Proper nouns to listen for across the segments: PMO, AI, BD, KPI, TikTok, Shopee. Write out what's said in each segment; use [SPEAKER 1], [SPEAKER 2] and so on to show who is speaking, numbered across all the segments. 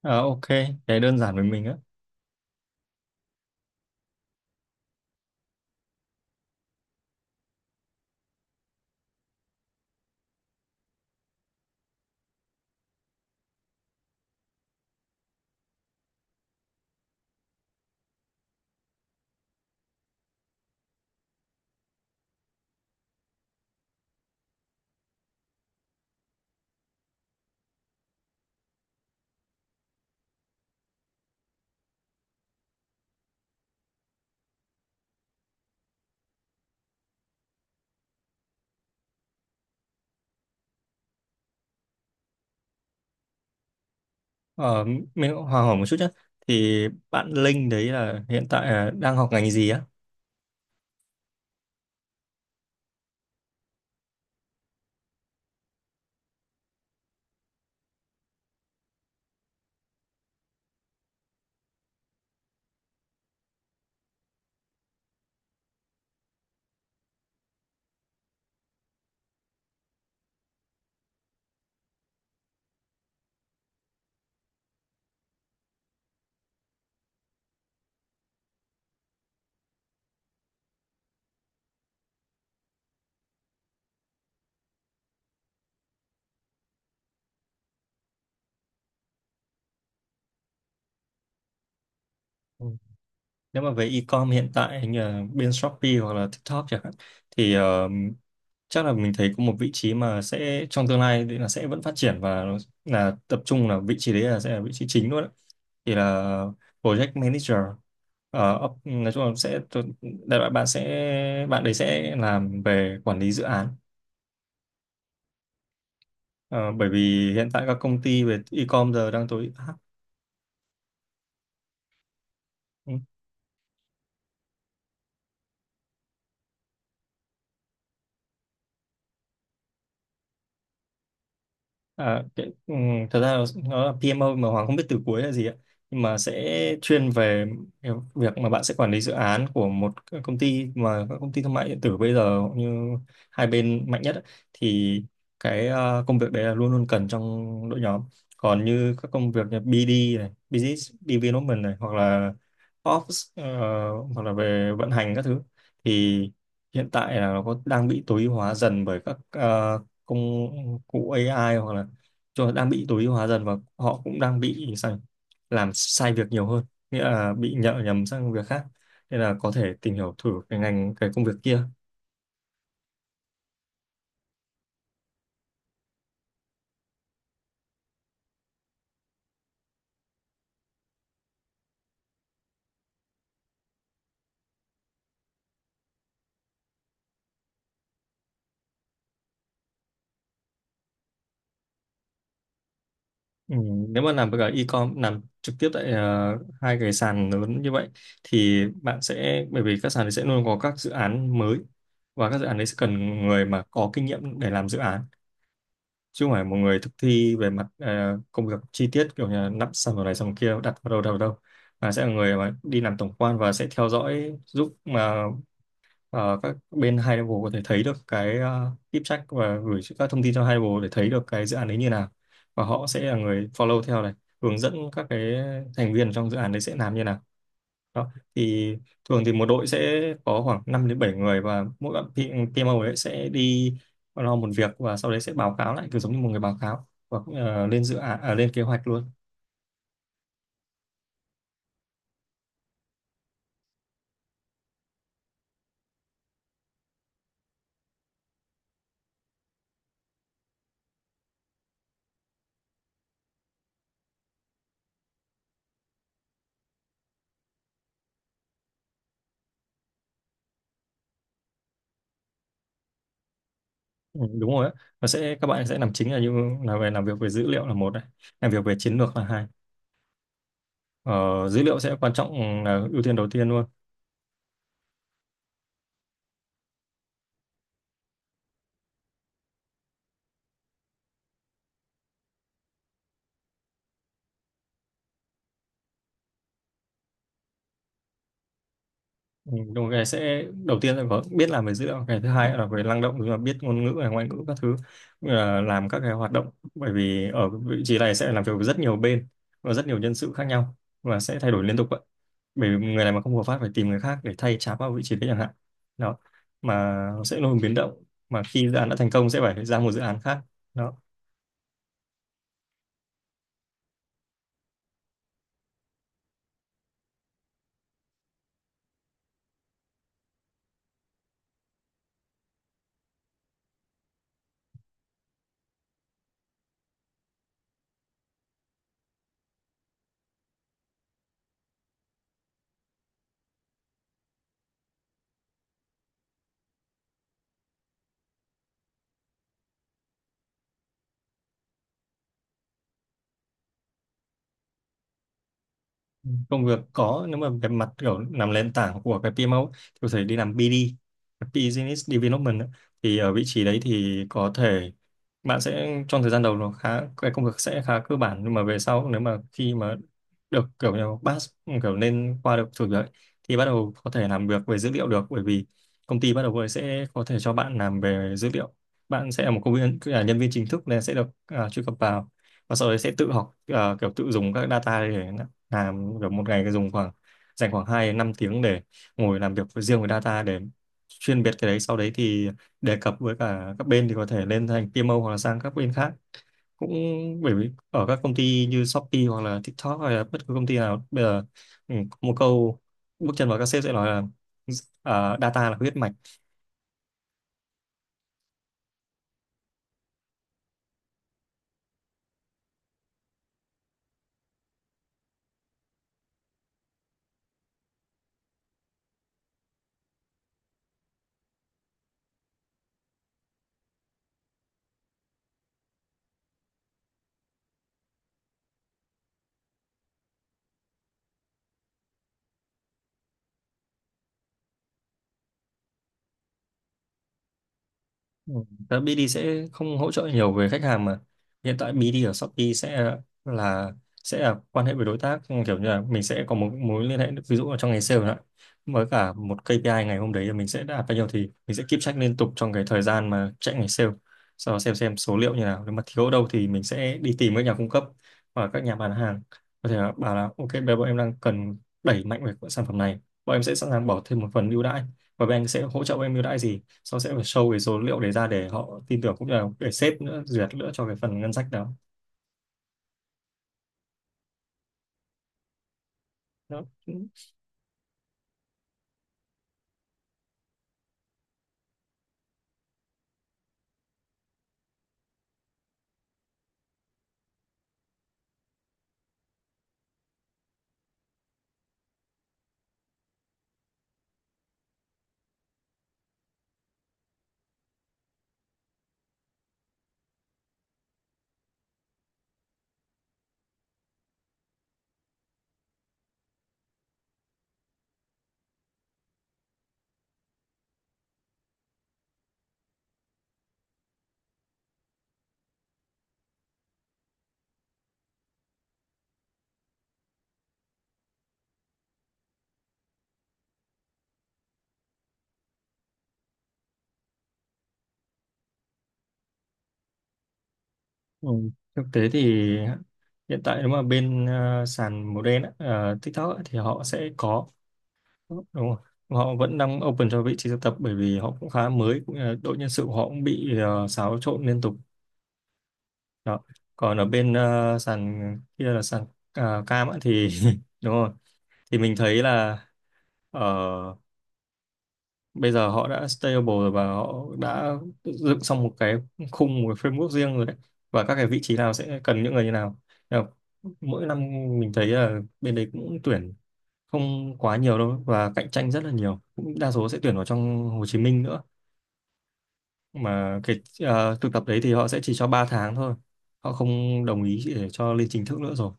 [SPEAKER 1] Ờ, ok, cái đơn giản với mình á. Ờ, mình cũng hỏi hỏi một chút nhé. Thì bạn Linh đấy là hiện tại là đang học ngành gì á? Ừ. Nếu mà về e-com hiện tại hình như là bên Shopee hoặc là TikTok chẳng hạn, thì chắc là mình thấy có một vị trí mà sẽ trong tương lai thì là sẽ vẫn phát triển và nó là tập trung là vị trí đấy là sẽ là vị trí chính luôn á. Thì là project manager. Nói chung là sẽ đại loại bạn đấy sẽ làm về quản lý dự án. Ờ, bởi vì hiện tại các công ty về e-com giờ đang tối áp. Ừ. À, cái, ừm, Thật ra nó là PMO mà Hoàng không biết từ cuối là gì ạ, nhưng mà sẽ chuyên về cái việc mà bạn sẽ quản lý dự án của một cái công ty, mà các công ty thương mại điện tử bây giờ như hai bên mạnh nhất ấy, thì cái công việc đấy là luôn luôn cần trong đội nhóm. Còn như các công việc như BD này, Business Development này, hoặc là Ops, hoặc là về vận hành các thứ, thì hiện tại là nó có đang bị tối ưu hóa dần bởi các công cụ AI, hoặc là rồi đang bị tối ưu hóa dần, và họ cũng đang bị sai, làm sai việc nhiều hơn, nghĩa là bị nhợ nhầm sang việc khác, nên là có thể tìm hiểu thử cái ngành, cái công việc kia. Ừ, nếu mà làm với cả e-com, làm trực tiếp tại hai cái sàn lớn như vậy, thì bạn sẽ bởi vì các sàn đấy sẽ luôn có các dự án mới, và các dự án đấy sẽ cần người mà có kinh nghiệm để làm dự án, chứ không phải một người thực thi về mặt công việc chi tiết, kiểu như là nắp xong rồi này xong kia đặt vào đâu đâu đâu, mà sẽ là người mà đi làm tổng quan và sẽ theo dõi giúp mà các bên hai level có thể thấy được cái deep check và gửi các thông tin cho hai level để thấy được cái dự án đấy như nào, và họ sẽ là người follow theo này, hướng dẫn các cái thành viên trong dự án đấy sẽ làm như nào đó. Thì thường thì một đội sẽ có khoảng 5 đến 7 người, và mỗi bạn PMO ấy sẽ đi lo một việc và sau đấy sẽ báo cáo lại, cứ giống như một người báo cáo và lên dự án, lên kế hoạch luôn. Ừ, đúng rồi á. Và sẽ các bạn sẽ làm chính là như là về làm việc về dữ liệu là một này, làm việc về chiến lược là hai. Ờ, dữ liệu sẽ quan trọng, là ưu tiên đầu tiên luôn. Ừ, đúng, cái sẽ đầu tiên là có biết làm về dữ liệu, cái thứ hai là về năng động, tức là biết ngôn ngữ này, ngoại ngữ các thứ, làm các cái hoạt động, bởi vì ở vị trí này sẽ làm việc với rất nhiều bên và rất nhiều nhân sự khác nhau, và sẽ thay đổi liên tục vậy, bởi vì người này mà không hợp pháp phải tìm người khác để thay cháp vào vị trí đấy chẳng hạn, đó, mà sẽ luôn biến động, mà khi dự án đã thành công sẽ phải ra một dự án khác đó. Công việc có, nếu mà về mặt kiểu làm nền tảng của cái PMO ấy, thì có thể đi làm BD, Business Development ấy. Thì ở vị trí đấy thì có thể bạn sẽ trong thời gian đầu nó khá, cái công việc sẽ khá cơ bản, nhưng mà về sau nếu mà khi mà được kiểu như pass, kiểu lên qua được thử việc ấy, thì bắt đầu có thể làm việc về dữ liệu được, bởi vì công ty bắt đầu với sẽ có thể cho bạn làm về dữ liệu, bạn sẽ là một công viên là nhân viên chính thức nên sẽ được truy cập vào, và sau đấy sẽ tự học, kiểu tự dùng các data để à, kiểu một ngày dùng khoảng dành khoảng 2 đến năm tiếng để ngồi làm việc với riêng với data, để chuyên biệt cái đấy, sau đấy thì đề cập với cả các bên thì có thể lên thành PMO hoặc là sang các bên khác cũng, bởi vì ở các công ty như Shopee hoặc là TikTok hay là bất cứ công ty nào bây giờ, ừ, một câu bước chân vào các sếp sẽ nói là, à, data là huyết mạch. Ừ. Đó, BD sẽ không hỗ trợ nhiều về khách hàng mà hiện tại BD ở Shopee là sẽ là quan hệ với đối tác, kiểu như là mình sẽ có một mối liên hệ, ví dụ là trong ngày sale nữa, với cả một KPI ngày hôm đấy là mình sẽ đạt bao nhiêu, thì mình sẽ keep track liên tục trong cái thời gian mà chạy ngày sale, sau đó xem số liệu như nào, nếu mà thiếu ở đâu thì mình sẽ đi tìm các nhà cung cấp và các nhà bán hàng, có thể là bảo là ok bây giờ bọn em đang cần đẩy mạnh về sản phẩm này, bọn em sẽ sẵn sàng bỏ thêm một phần ưu đãi và bên anh sẽ hỗ trợ bên em ưu đãi gì, sau sẽ phải show cái số liệu đấy ra để họ tin tưởng, cũng như là để sếp nữa duyệt nữa cho cái phần ngân sách đó. Đó. Ừ. Thực tế thì hiện tại nếu mà bên sàn màu đen á, ờ, TikTok á, thì họ sẽ có, đúng rồi, họ vẫn đang open cho vị trí thực tập, bởi vì họ cũng khá mới, cũng như là đội nhân sự của họ cũng bị xáo trộn liên tục, đó. Còn ở bên sàn kia là sàn cam á, thì đúng rồi, thì mình thấy là ờ, bây giờ họ đã stable rồi, và họ đã dựng xong một cái khung, một cái framework riêng rồi đấy, và các cái vị trí nào sẽ cần những người như nào. Nên là mỗi năm mình thấy là bên đấy cũng tuyển không quá nhiều đâu, và cạnh tranh rất là nhiều, cũng đa số sẽ tuyển vào trong Hồ Chí Minh nữa, mà cái thực tập đấy thì họ sẽ chỉ cho 3 tháng thôi, họ không đồng ý để cho lên chính thức nữa rồi.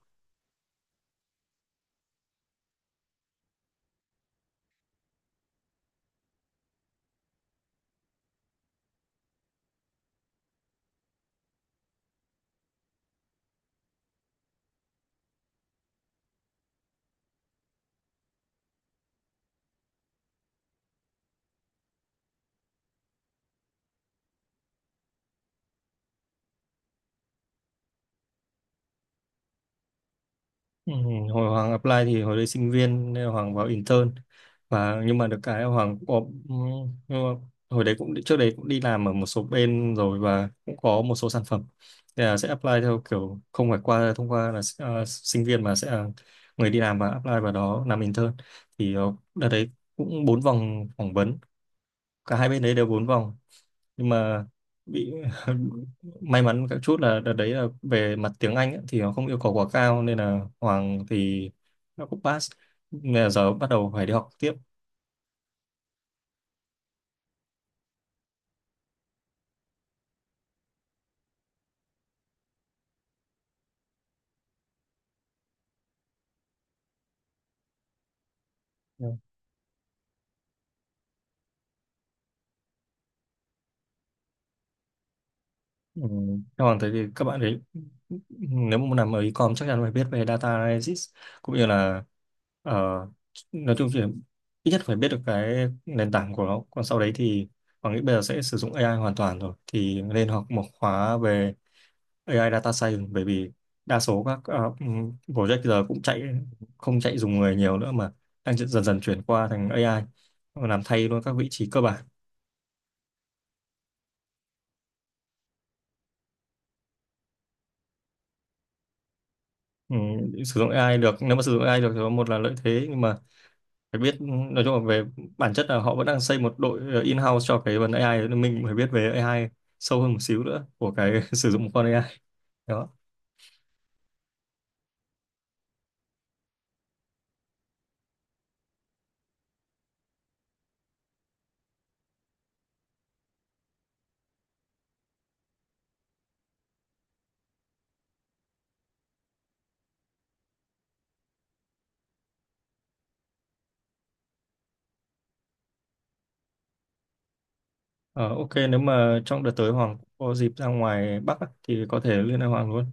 [SPEAKER 1] Ừ, hồi Hoàng apply thì hồi đấy sinh viên, nên là Hoàng vào intern, và nhưng mà được cái là Hoàng cũng có, ừ, nhưng mà hồi đấy cũng trước đấy cũng đi làm ở một số bên rồi, và cũng có một số sản phẩm. Thế là sẽ apply theo kiểu không phải qua, thông qua là sinh viên, mà sẽ là người đi làm và apply vào đó làm intern. Thì đợt đấy cũng bốn vòng phỏng vấn, cả hai bên đấy đều bốn vòng, nhưng mà bị may mắn các chút là đợt đấy là về mặt tiếng Anh ấy, thì nó không yêu cầu quá cao nên là Hoàng thì nó cũng pass, nên là giờ bắt đầu phải đi học tiếp. Ừ. Còn thế thì các bạn ấy nếu mà muốn làm ở e-com chắc chắn phải biết về data analysis, cũng như là ờ, nói chung thì ít nhất phải biết được cái nền tảng của nó, còn sau đấy thì Hoàng nghĩ bây giờ sẽ sử dụng AI hoàn toàn rồi, thì nên học một khóa về AI data science, bởi vì đa số các project giờ cũng chạy không chạy dùng người nhiều nữa, mà đang dần dần chuyển qua thành AI làm thay luôn các vị trí cơ bản. Ừ, Sử dụng AI được, nếu mà sử dụng AI được thì có một là lợi thế, nhưng mà phải biết, nói chung là về bản chất là họ vẫn đang xây một đội in-house cho cái vấn AI đấy, nên mình phải biết về AI sâu hơn một xíu nữa của cái sử dụng một con AI đó. Ờ, ok, nếu mà trong đợt tới Hoàng có dịp ra ngoài Bắc á, thì có thể liên hệ Hoàng luôn.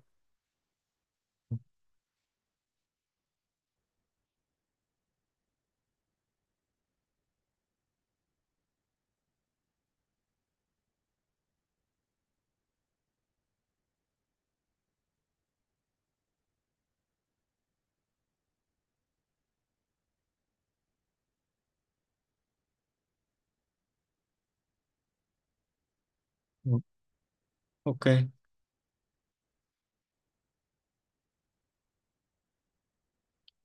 [SPEAKER 1] Ừ, ok,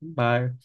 [SPEAKER 1] bye.